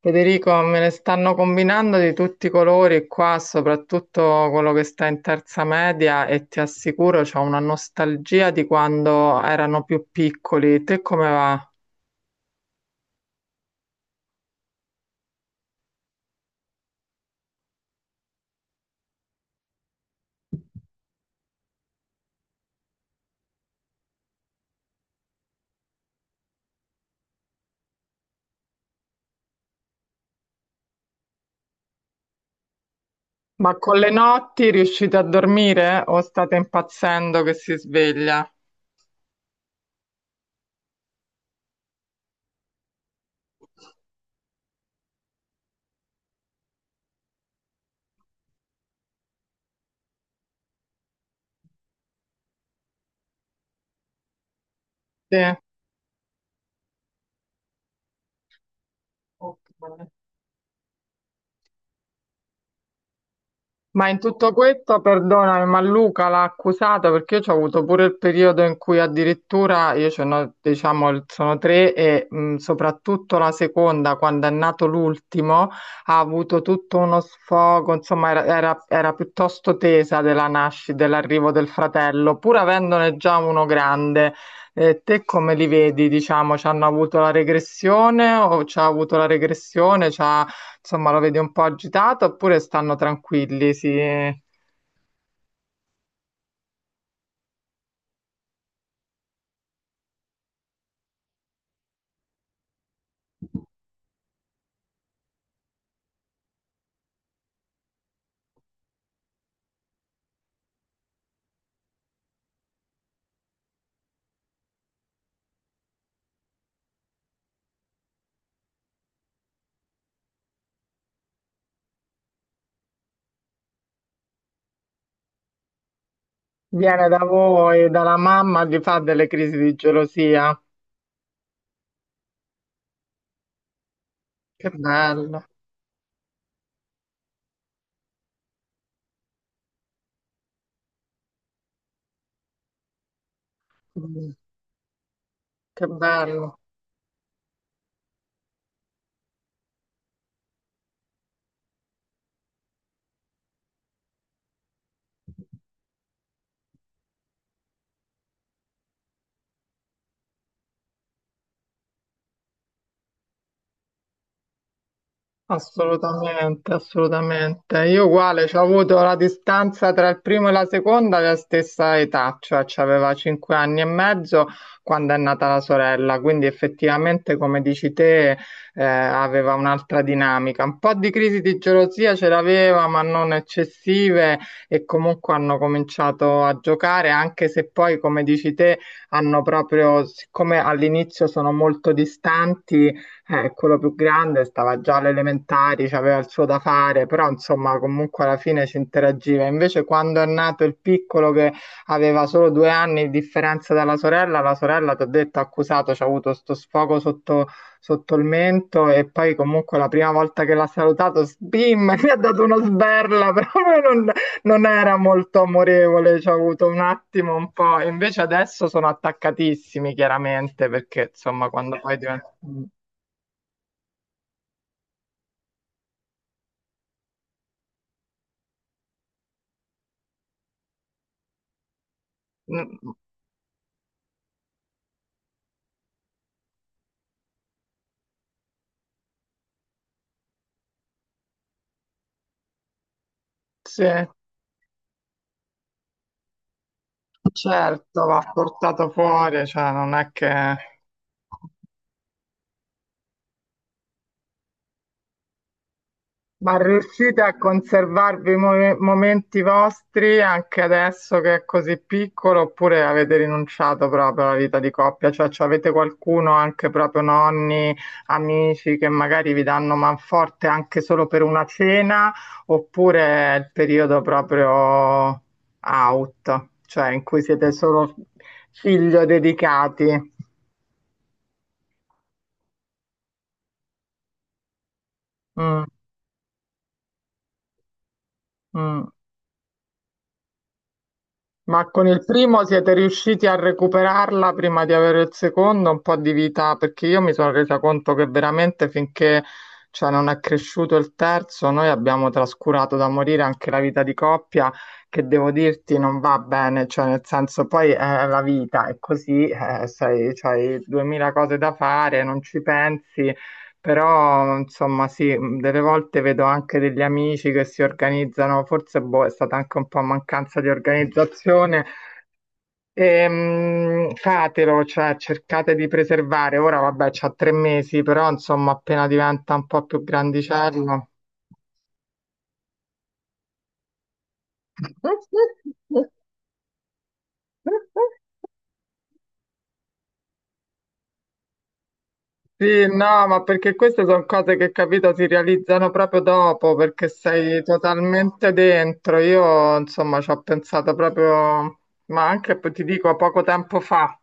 Federico, me ne stanno combinando di tutti i colori qua, soprattutto quello che sta in terza media e ti assicuro c'ho una nostalgia di quando erano più piccoli. Te come va? Ma con le notti riuscite a dormire o state impazzendo che si sveglia? Sì. Ma in tutto questo, perdonami, ma Luca l'ha accusata perché io ho avuto pure il periodo in cui addirittura io ce n'ho, diciamo, sono tre e soprattutto la seconda, quando è nato l'ultimo, ha avuto tutto uno sfogo, insomma, era piuttosto tesa della nascita, dell'arrivo del fratello, pur avendone già uno grande. Te come li vedi, diciamo, ci hanno avuto la regressione o ci ha avuto la regressione? Insomma, lo vedi un po' agitato oppure stanno tranquilli? Si... Viene da voi, dalla mamma, gli fa delle crisi di gelosia. Che bello. Mm. Che bello. Assolutamente, assolutamente. Io uguale, ci ho avuto la distanza tra il primo e la seconda della stessa età, cioè ci aveva cinque anni e mezzo quando è nata la sorella, quindi effettivamente, come dici te, aveva un'altra dinamica. Un po' di crisi di gelosia ce l'aveva, ma non eccessive e comunque hanno cominciato a giocare, anche se poi, come dici te, hanno proprio, siccome all'inizio sono molto distanti quello più grande stava già alle elementari, c'aveva il suo da fare, però insomma comunque alla fine si interagiva. Invece quando è nato il piccolo che aveva solo due anni di differenza dalla sorella, la sorella ti ho detto ha accusato, c'ha avuto sto sfogo sotto, sotto il mento e poi comunque la prima volta che l'ha salutato, sbim, gli ha dato una sberla, proprio non era molto amorevole, ci ha avuto un attimo un po'. Invece adesso sono attaccatissimi chiaramente perché insomma quando poi diventa... Mm. Sì, certo, va portato fuori, cioè non è che... Ma riuscite a conservarvi i momenti vostri anche adesso che è così piccolo, oppure avete rinunciato proprio alla vita di coppia? Cioè, avete qualcuno, anche proprio nonni, amici, che magari vi danno manforte anche solo per una cena, oppure è il periodo proprio out, cioè in cui siete solo figlio dedicati? Mm, mm. Ma con il primo siete riusciti a recuperarla prima di avere il secondo un po' di vita? Perché io mi sono resa conto che veramente finché non è cresciuto il terzo, noi abbiamo trascurato da morire anche la vita di coppia, che devo dirti non va bene, cioè nel senso poi è la vita, è così, sei, c'hai duemila cose da fare, non ci pensi. Però, insomma, sì, delle volte vedo anche degli amici che si organizzano, forse boh, è stata anche un po' mancanza di organizzazione. Fatelo, cioè cercate di preservare. Ora, vabbè, c'ha tre mesi, però, insomma, appena diventa un po' più grandicello. Sì, no, ma perché queste sono cose che, capito, si realizzano proprio dopo, perché sei totalmente dentro. Io, insomma, ci ho pensato proprio, ma anche, poi ti dico, poco tempo fa,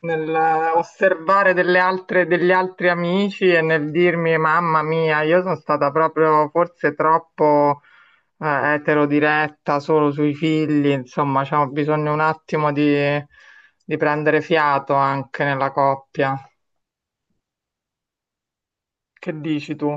nel osservare delle altre, degli altri amici e nel dirmi, mamma mia, io sono stata proprio forse troppo eterodiretta, solo sui figli, insomma, c'ho bisogno un attimo di prendere fiato anche nella coppia. Che dici tu?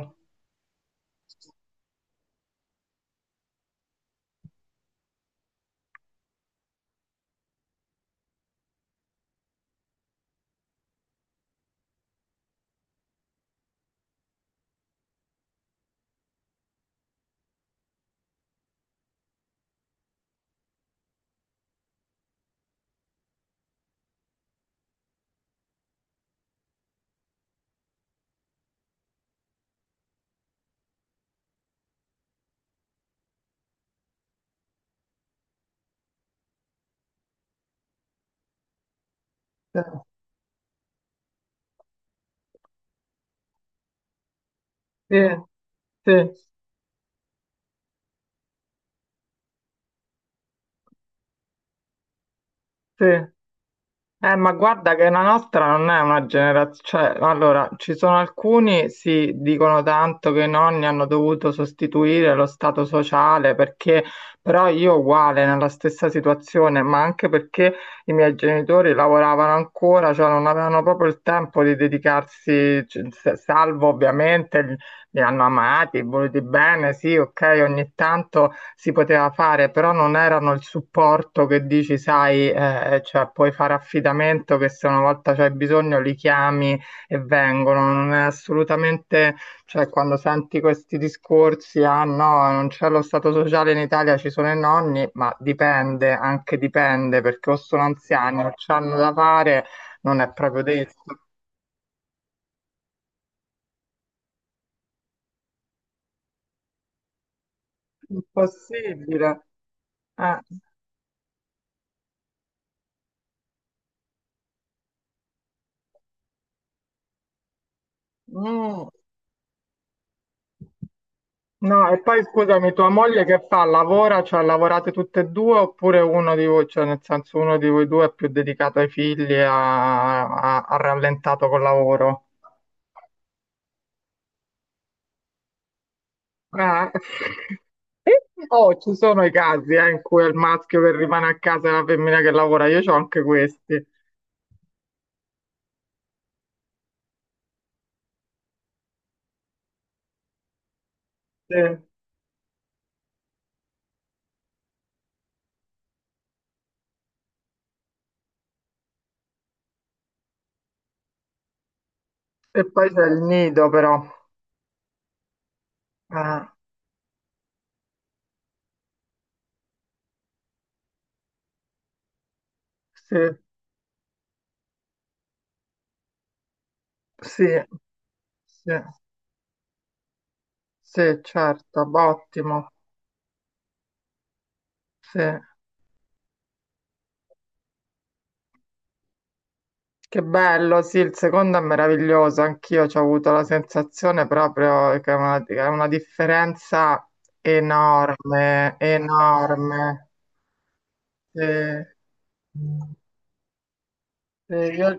Sì, sì, sì. Ma guarda che la nostra non è una generazione, cioè, allora, ci sono alcuni, sì, dicono tanto che i nonni hanno dovuto sostituire lo stato sociale perché, però io uguale, nella stessa situazione, ma anche perché i miei genitori lavoravano ancora, cioè non avevano proprio il tempo di dedicarsi, salvo ovviamente li hanno amati, voluti bene, sì, ok, ogni tanto si poteva fare, però non erano il supporto che dici, sai, cioè puoi fare affidamento che se una volta c'hai bisogno li chiami e vengono. Non è assolutamente, cioè quando senti questi discorsi, ah no, non c'è lo stato sociale in Italia, ci sono i nonni, ma dipende, anche dipende, perché o sono anziani, o c'hanno da fare, non è proprio detto. Impossibile. Eh. Mm. No, e poi scusami, tua moglie che fa? Lavora, cioè lavorate tutte e due oppure uno di voi, cioè nel senso uno di voi due è più dedicato ai figli, ha rallentato col lavoro? Ah. Oh, ci sono i casi in cui è il maschio che rimane a casa e la femmina che lavora, io ho anche questi. Sì. E poi c'è il nido però. Ah, sì, sì, sì, sì, certo, ottimo, sì. Che bello, sì, il secondo è meraviglioso, anch'io ci ho avuto la sensazione proprio che è una differenza enorme, enorme. Sì. Sì, io-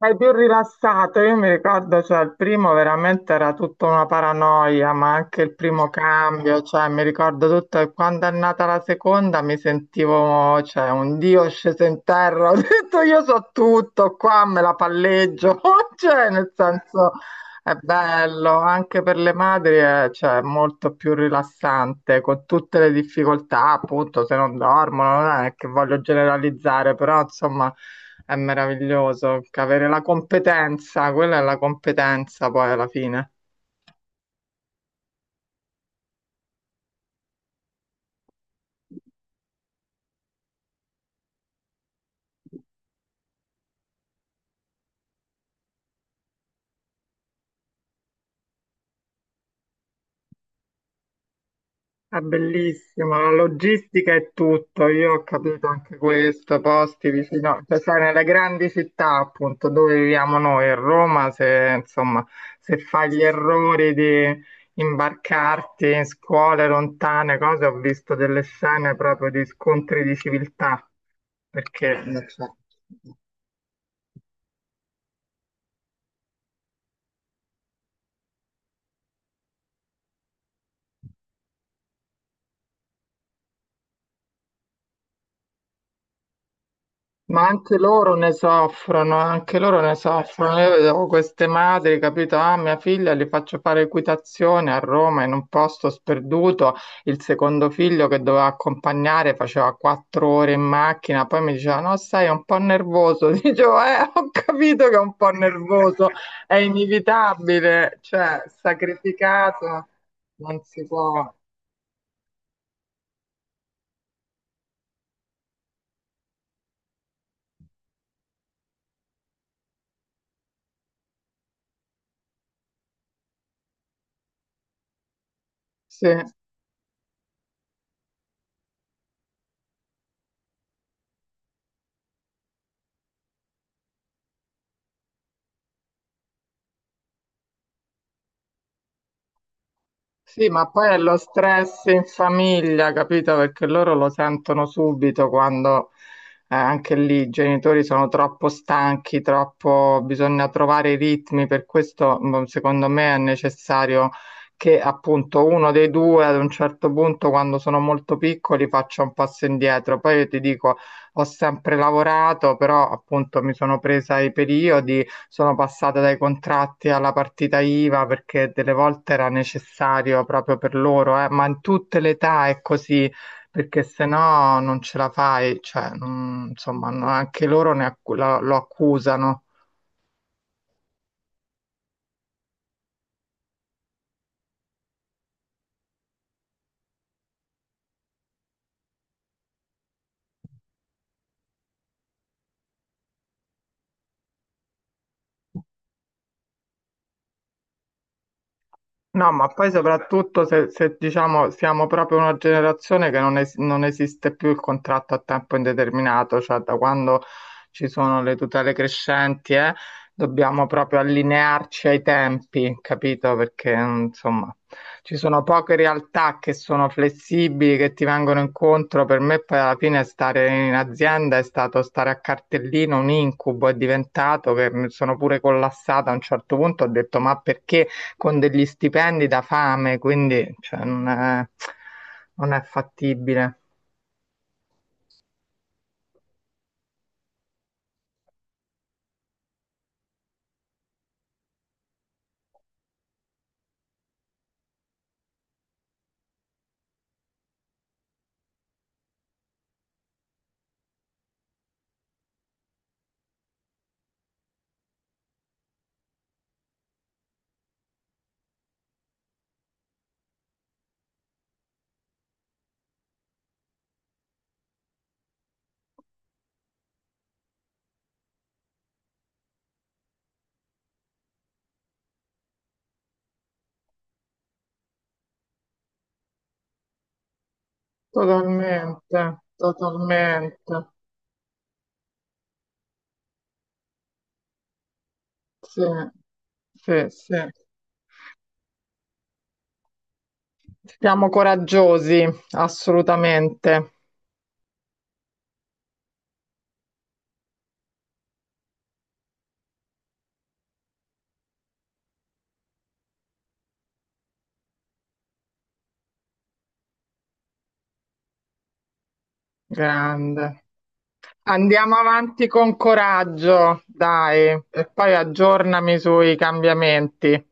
È più rilassato, io mi ricordo, cioè, il primo veramente era tutta una paranoia, ma anche il primo cambio, cioè, mi ricordo tutto, e quando è nata la seconda mi sentivo, cioè, un dio sceso in terra, ho detto io so tutto, qua me la palleggio, cioè, nel senso, è bello, anche per le madri è, cioè, molto più rilassante, con tutte le difficoltà, appunto, se non dormono, non è che voglio generalizzare, però, insomma... È meraviglioso che avere la competenza, quella è la competenza poi alla fine. È bellissimo, la logistica è tutto, io ho capito anche questo, posti vicino, cioè sai, nelle grandi città appunto dove viviamo noi, a Roma, se insomma, se fai gli errori di imbarcarti in scuole lontane, cose, ho visto delle scene proprio di scontri di civiltà, perché non so. Ma anche loro ne soffrono, anche loro ne soffrono. Io vedevo queste madri, capito? Ah, mia figlia li faccio fare equitazione a Roma in un posto sperduto. Il secondo figlio che doveva accompagnare faceva quattro ore in macchina, poi mi diceva: No, sai, è un po' nervoso. Dicevo, ho capito che è un po' nervoso, è inevitabile, cioè, sacrificato non si può. Sì. Sì, ma poi è lo stress in famiglia, capito? Perché loro lo sentono subito quando anche lì i genitori sono troppo stanchi, troppo... bisogna trovare i ritmi, per questo secondo me è necessario che appunto uno dei due ad un certo punto, quando sono molto piccoli, faccia un passo indietro. Poi io ti dico, ho sempre lavorato, però appunto mi sono presa i periodi sono passate dai contratti alla partita IVA perché delle volte era necessario proprio per loro, ma in tutte le età è così, perché se no non ce la fai, cioè, insomma, anche loro lo accusano. No, ma poi soprattutto se, se, diciamo siamo proprio una generazione che non esiste più il contratto a tempo indeterminato, cioè da quando ci sono le tutele crescenti, dobbiamo proprio allinearci ai tempi, capito? Perché insomma ci sono poche realtà che sono flessibili, che ti vengono incontro. Per me poi alla fine stare in azienda è stato stare a cartellino, un incubo, è diventato che mi sono pure collassata a un certo punto, ho detto ma perché? Con degli stipendi da fame, quindi cioè, non è fattibile. Totalmente, totalmente. Sì, sì, sì. Siamo coraggiosi, assolutamente. Grande. Andiamo avanti con coraggio, dai, e poi aggiornami sui cambiamenti.